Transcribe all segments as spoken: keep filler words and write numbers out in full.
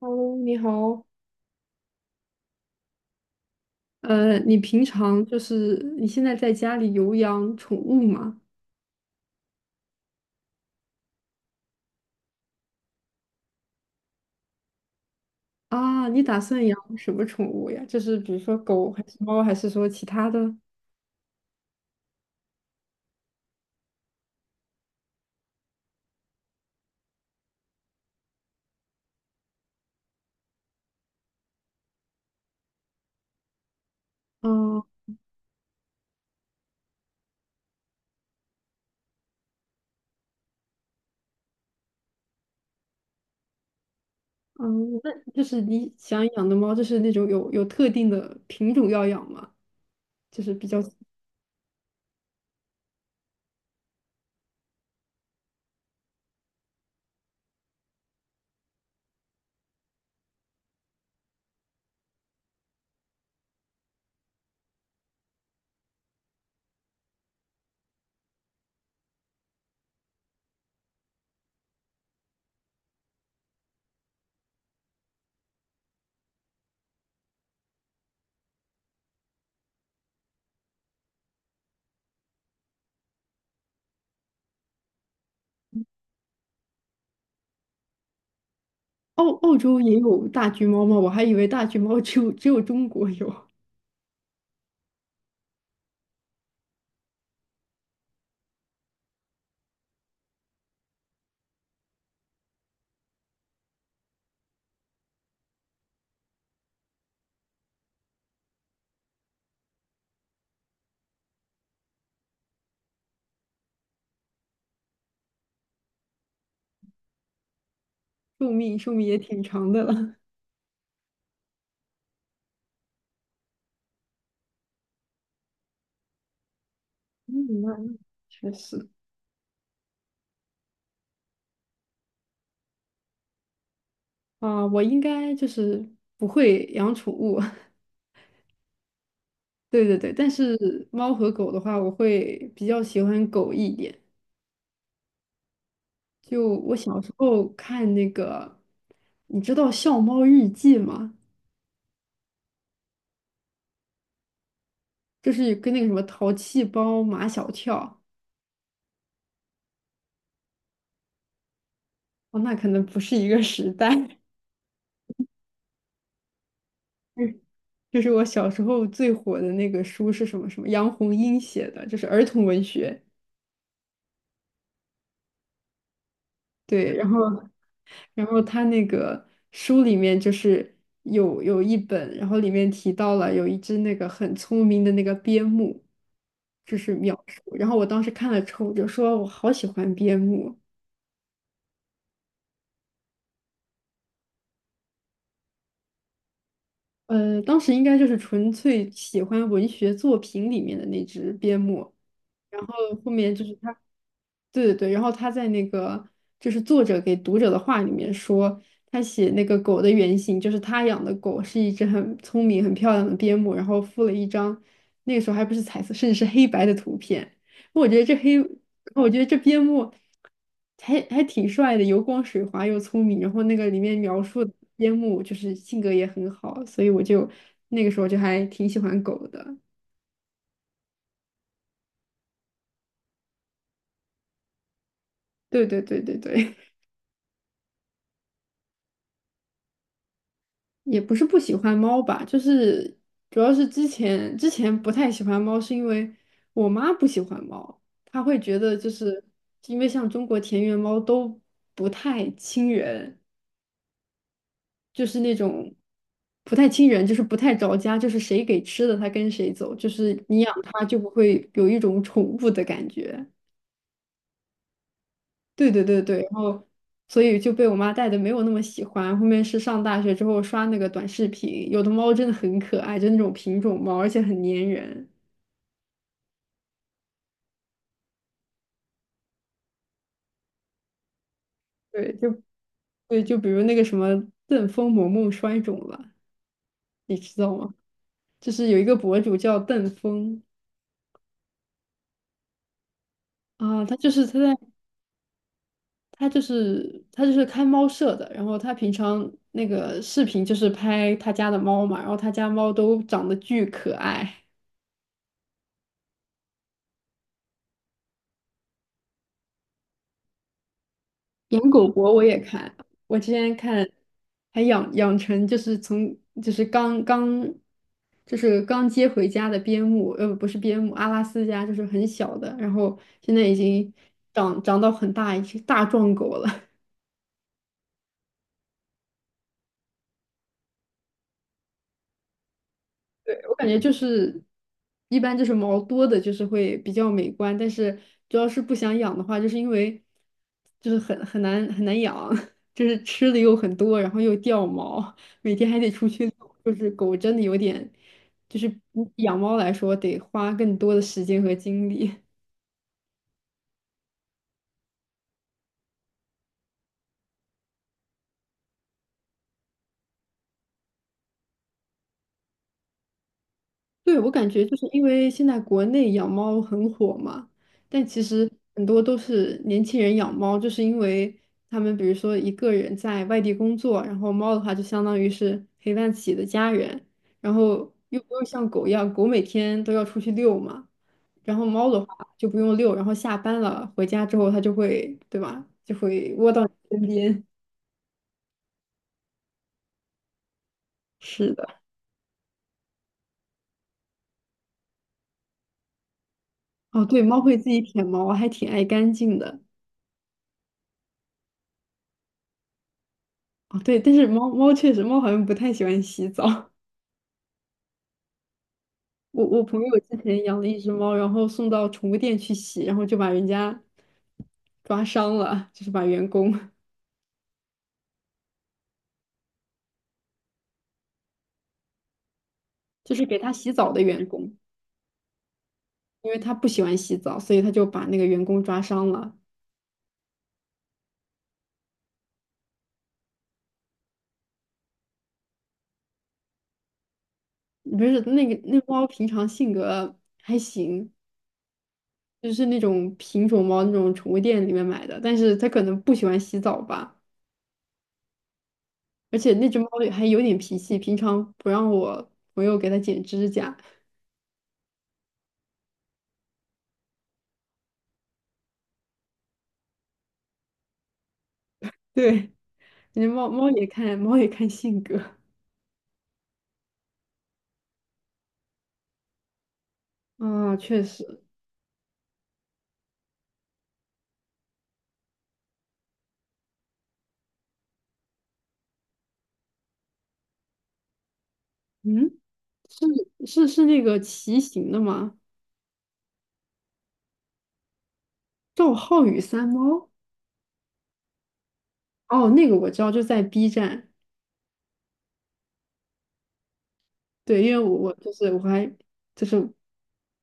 Hello，你好。呃，你平常就是你现在在家里有养宠物吗？啊，你打算养什么宠物呀？就是比如说狗还是猫，还是说其他的？啊嗯，那就是你想养的猫，就是那种有有特定的品种要养吗？就是比较澳澳洲也有大橘猫吗？我还以为大橘猫只有只有中国有，寿命寿命也挺长的了。嗯，那确实啊，我应该就是不会养宠物，对对对，但是猫和狗的话，我会比较喜欢狗一点。就我小时候看那个，你知道《笑猫日记》吗？就是跟那个什么淘气包马小跳，哦，那可能不是一个时代。嗯，就是我小时候最火的那个书是什么什么？杨红樱写的，就是儿童文学。对，然后然后他那个书里面就是有有一本，然后里面提到了有一只那个很聪明的那个边牧，就是描述。然后我当时看了之后，我就说我好喜欢边牧。呃，当时应该就是纯粹喜欢文学作品里面的那只边牧。然后后面就是他，对对对，然后他在那个就是作者给读者的话里面说，他写那个狗的原型就是他养的狗是一只很聪明、很漂亮的边牧，然后附了一张那个时候还不是彩色，甚至是黑白的图片。我觉得这黑，我觉得这边牧还还挺帅的，油光水滑又聪明。然后那个里面描述的边牧就是性格也很好，所以我就那个时候就还挺喜欢狗的。对对对对对。也不是不喜欢猫吧，就是主要是之前之前不太喜欢猫，是因为我妈不喜欢猫，她会觉得就是因为像中国田园猫都不太亲人，就是那种不太亲人，就是不太着家，就是谁给吃的它跟谁走，就是你养它就不会有一种宠物的感觉。对对对对，然后所以就被我妈带的没有那么喜欢。后面是上大学之后刷那个短视频，有的猫真的很可爱，就那种品种猫，而且很粘人。对，就对，就比如那个什么邓峰萌萌摔肿了，你知道吗？就是有一个博主叫邓峰啊，他就是他在他就是他就是开猫舍的，然后他平常那个视频就是拍他家的猫嘛，然后他家猫都长得巨可爱。养狗博我也看，我之前看还养养成就是从就是刚刚就是刚接回家的边牧，呃，不是边牧，阿拉斯加就是很小的，然后现在已经长长到很大一只大壮狗了。我感觉就是一般就是毛多的，就是会比较美观，但是主要是不想养的话，就是因为就是很很难很难养，就是吃的又很多，然后又掉毛，每天还得出去遛，就是狗真的有点，就是比养猫来说得花更多的时间和精力。对，我感觉就是因为现在国内养猫很火嘛，但其实很多都是年轻人养猫，就是因为他们比如说一个人在外地工作，然后猫的话就相当于是陪伴自己的家人，然后又不用像狗一样，狗每天都要出去遛嘛，然后猫的话就不用遛，然后下班了回家之后它就会，对吧，就会窝到你身边。是的，哦，对，猫会自己舔毛，还挺爱干净的。哦，对，但是猫猫确实，猫好像不太喜欢洗澡。我我朋友之前养了一只猫，然后送到宠物店去洗，然后就把人家抓伤了，就是把员工，就是给他洗澡的员工，因为他不喜欢洗澡，所以他就把那个员工抓伤了。不是那个那猫平常性格还行，就是那种品种猫，那种宠物店里面买的，但是它可能不喜欢洗澡吧，而且那只猫还有点脾气，平常不让我朋友给它剪指甲。对。你猫猫也看猫也看性格啊，确实，嗯，是是是那个骑行的吗？赵浩宇三猫哦，那个我知道，就在 B 站，对，因为我我就是我还就是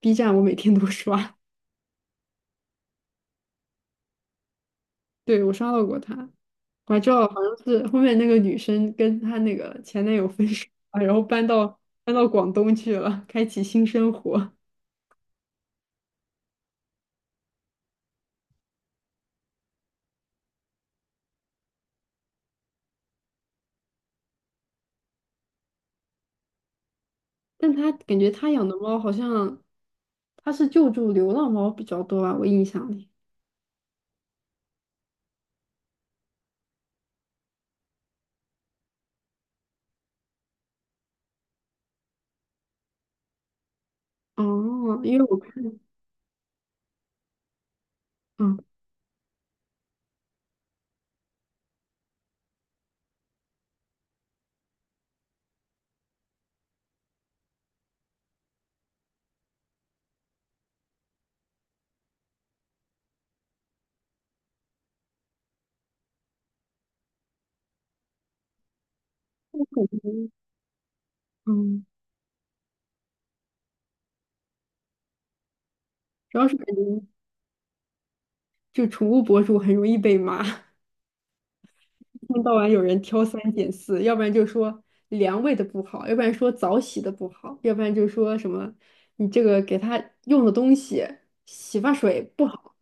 B 站，我每天都 刷，对我刷到过他，我还知道好像是后面那个女生跟她那个前男友分手了，然后搬到搬到广东去了，开启新生活。但他感觉他养的猫好像他是救助流浪猫比较多吧，我印象里。哦，因为我看，嗯，我感觉嗯，主要是感觉就宠物博主很容易被骂，一天到晚有人挑三拣四，要不然就说粮喂的不好，要不然说澡洗的不好，要不然就说什么你这个给它用的东西洗发水不好。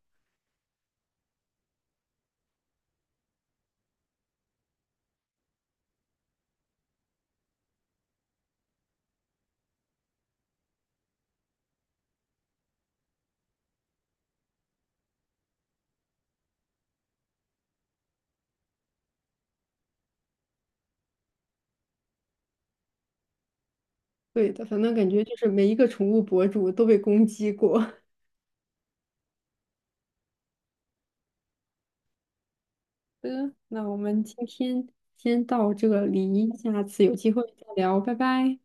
对的，反正感觉就是每一个宠物博主都被攻击过。的，那我们今天先到这里，下次有机会再聊，拜拜。